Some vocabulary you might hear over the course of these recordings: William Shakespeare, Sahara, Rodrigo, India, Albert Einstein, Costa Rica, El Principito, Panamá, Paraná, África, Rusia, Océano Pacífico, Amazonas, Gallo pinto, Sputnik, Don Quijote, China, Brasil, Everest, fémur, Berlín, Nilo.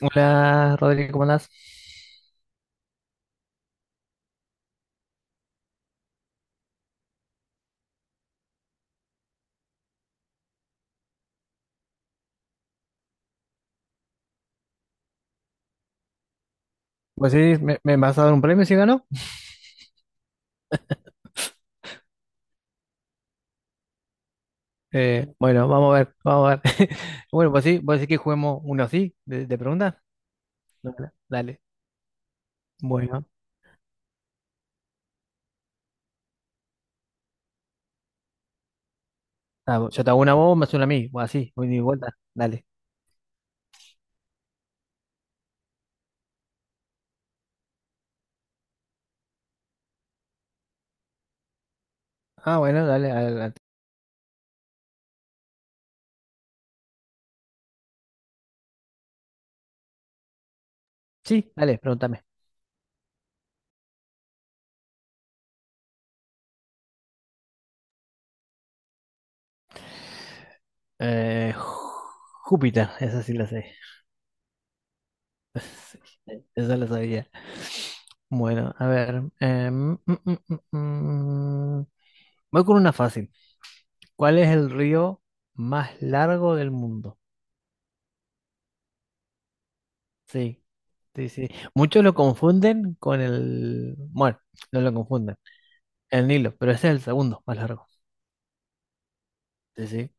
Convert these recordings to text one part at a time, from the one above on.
Hola, Rodrigo, ¿cómo andás? Pues sí, me vas a dar un premio si gano. Bueno, vamos a ver, vamos a ver. Bueno, pues sí, vos decís que juguemos uno así, de preguntas. Dale. Bueno, yo te hago una bomba, me haces una a mí, o así, voy de vuelta. Dale. Bueno, dale, adelante. Sí, dale, pregúntame. Eh, Júpiter, esa sí la sé. Esa la sabía. Bueno, a ver. Mm, mm, mm. Voy con una fácil. ¿Cuál es el río más largo del mundo? Sí, sí, sí. Muchos lo confunden con el. Bueno, no lo confunden. El Nilo, pero ese es el segundo más largo. Sí, sí.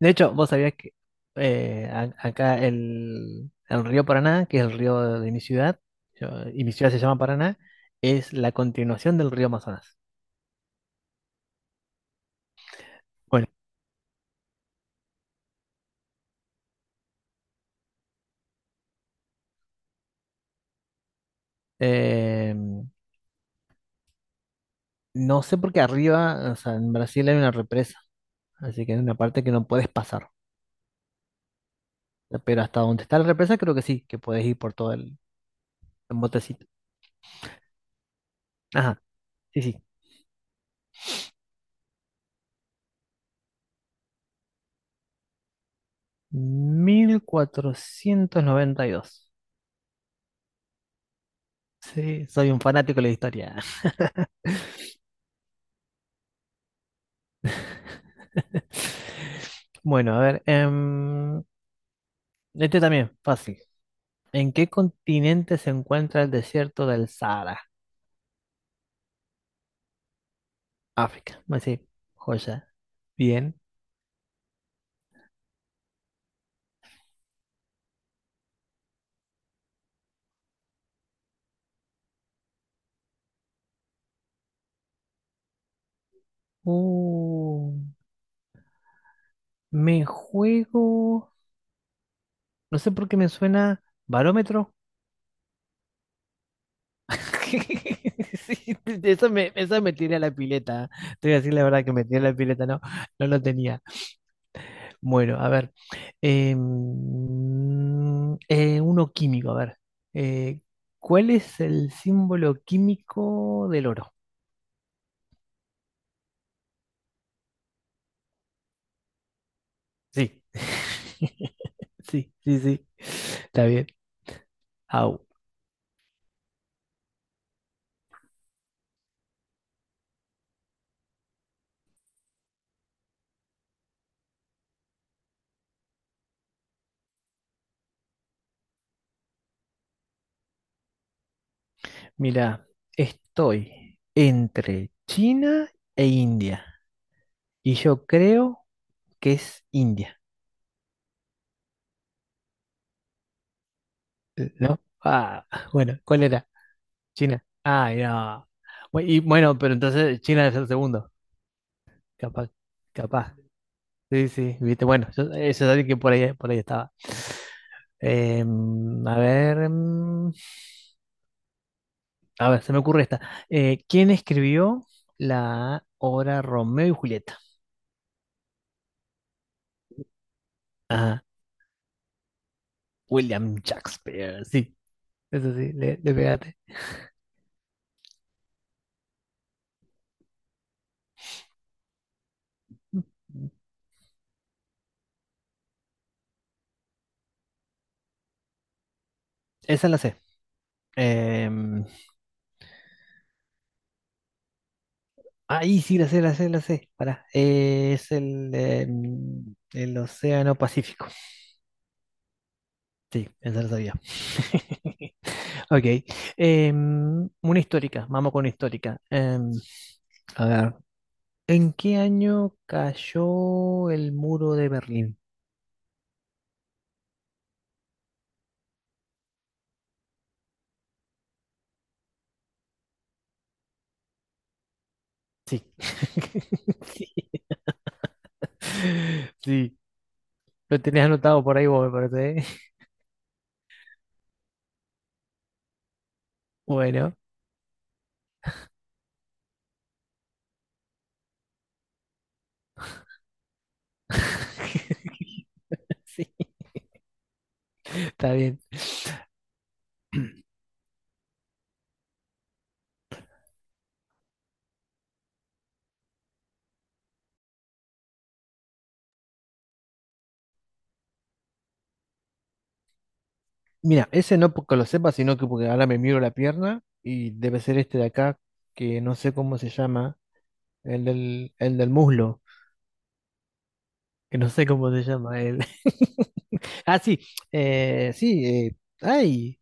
De hecho, vos sabías que acá el río Paraná, que es el río de mi ciudad, y mi ciudad se llama Paraná, es la continuación del río Amazonas. Bueno, eh, no sé por qué arriba, o sea, en Brasil hay una represa, así que hay una parte que no puedes pasar. Pero hasta donde está la represa, creo que sí, que puedes ir por todo el botecito. Ajá, sí, sí. 1492. Sí, soy un fanático de la historia. Bueno, a ver. Este también, fácil. ¿En qué continente se encuentra el desierto del Sahara? África. Así, joya. Bien. Uh, me juego. No sé por qué me suena barómetro. Sí, eso me tiré a la pileta. ¿Eh? Te voy a decir la verdad que me tiré a la pileta, no, no lo tenía. Bueno, a ver. Uno químico, a ver. eh, ¿Cuál es el símbolo químico del oro? Sí. Sí, sí, sí. Está bien. Au. Mira, estoy entre China e India. Y yo creo que es India. ¿No? Bueno, ¿cuál era? China. Ah, no. Y bueno, pero entonces China es el segundo. Capaz, capaz. Sí, sí, viste. Bueno, eso es alguien que por ahí estaba. A ver, a ver, se me ocurre esta. ¿Quién escribió la obra Romeo y Julieta? Ah, William Shakespeare. Sí, eso sí, le pegaste. Esa la sé. Em, ahí sí, la sé, la sé, la sé. Pará. Es el Océano Pacífico. Sí, esa la sabía. Ok. Una histórica, vamos con una histórica. A ver, ¿en qué año cayó el muro de Berlín? Sí. Sí. Sí. Lo tenías anotado por ahí vos, me parece. ¿Eh? Bueno, sí, está bien. Mira, ese no porque lo sepa, sino que porque ahora me miro la pierna y debe ser este de acá, que no sé cómo se llama, el del muslo, que no sé cómo se llama él. Ah, sí, sí, ay,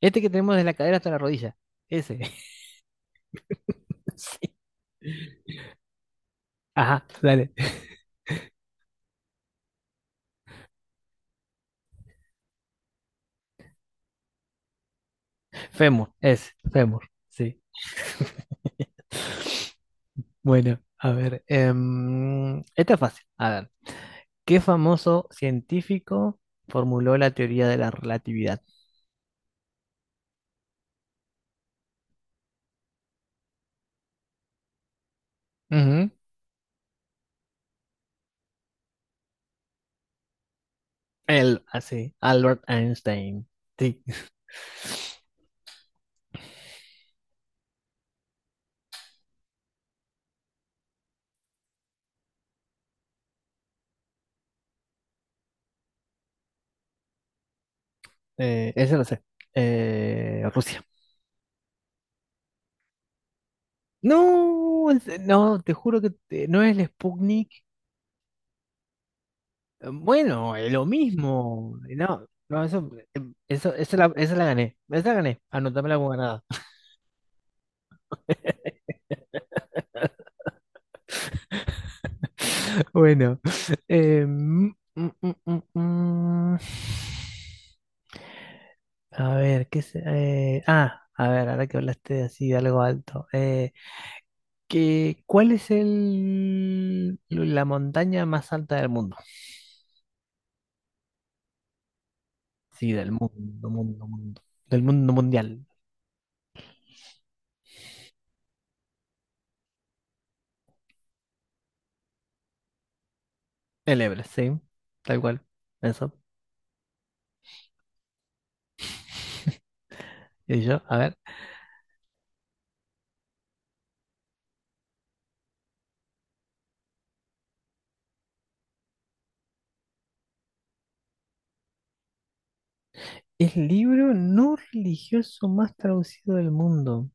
este que tenemos de la cadera hasta la rodilla, ese, sí, ajá, dale, fémur, ese, fémur, sí, bueno, a ver, esta es fácil, a ver, ¿qué famoso científico formuló la teoría de la relatividad? Ujú, Él, así, Albert Einstein, sí, ese lo sé, Rusia. No, no, te juro que no es el Sputnik, Bueno, lo mismo. No, no, eso, eso, esa la gané. Esa la gané. Anotámela como ganada. Bueno. eh, mm, mm, mm, mm, mm. A ver, a ver, ahora que hablaste así de algo alto. ¿Cuál es la montaña más alta del mundo? Sí, del mundo, mundo, mundo. Del mundo mundial. El Everest, sí. Tal cual. Eso. Y yo, a ver. El libro no religioso más traducido del mundo.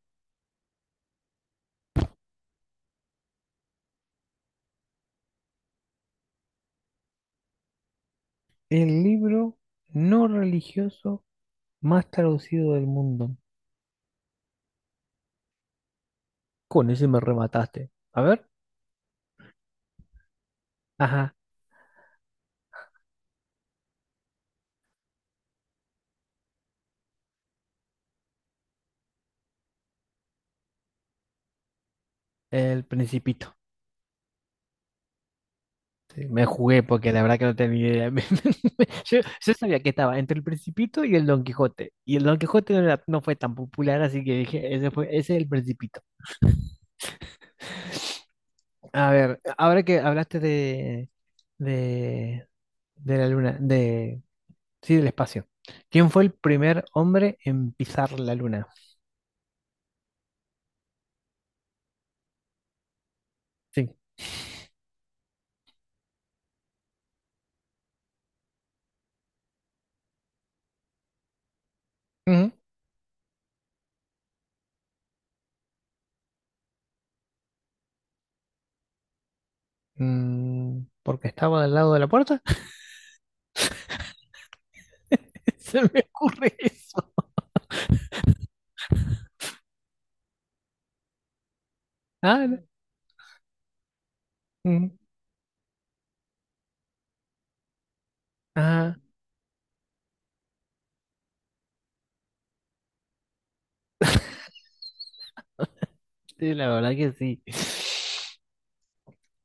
El libro no religioso más traducido del mundo. Con ese me remataste. A ver. Ajá, El Principito. Sí, me jugué porque la verdad que no tenía idea. Me- Yo, yo sabía que estaba entre El Principito y el Don Quijote. Y el Don Quijote no, no fue tan popular, así que dije, ese fue, ese es El Principito. A ver, ahora que hablaste de, de, de la luna, sí, del espacio. ¿Quién fue el primer hombre en pisar la luna? Sí. Ujú. Porque estaba del lado de la puerta. Se me ocurre eso. Ah, no. Mm, ajá. Sí, la verdad que sí.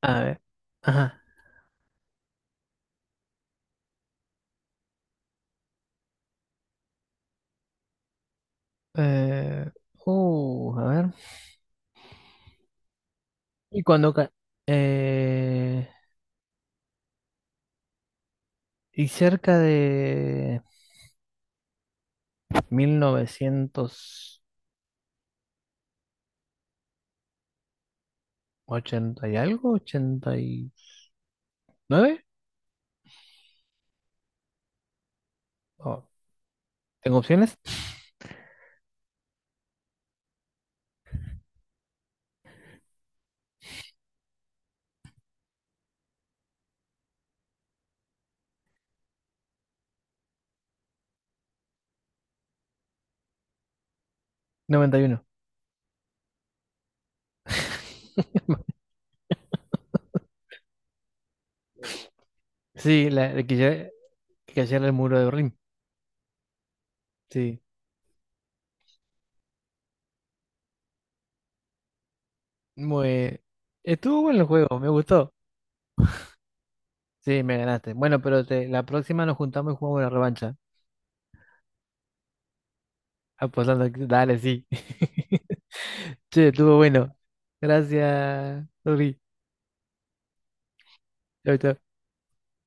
A ver. Ajá. Eh, a ver. Y cuando... ca- eh, y cerca de mil novecientos ochenta y algo, 89. Oh, ¿tengo opciones? 91. Sí, la que ya que cayera el muro de Berlín. Sí. Muy, estuvo bueno el juego, me gustó. Sí, me ganaste. Bueno, pero te, la próxima nos juntamos y jugamos la revancha. Apostando, dale, sí. Che, estuvo bueno. Gracias, Rodri. Chau, chau.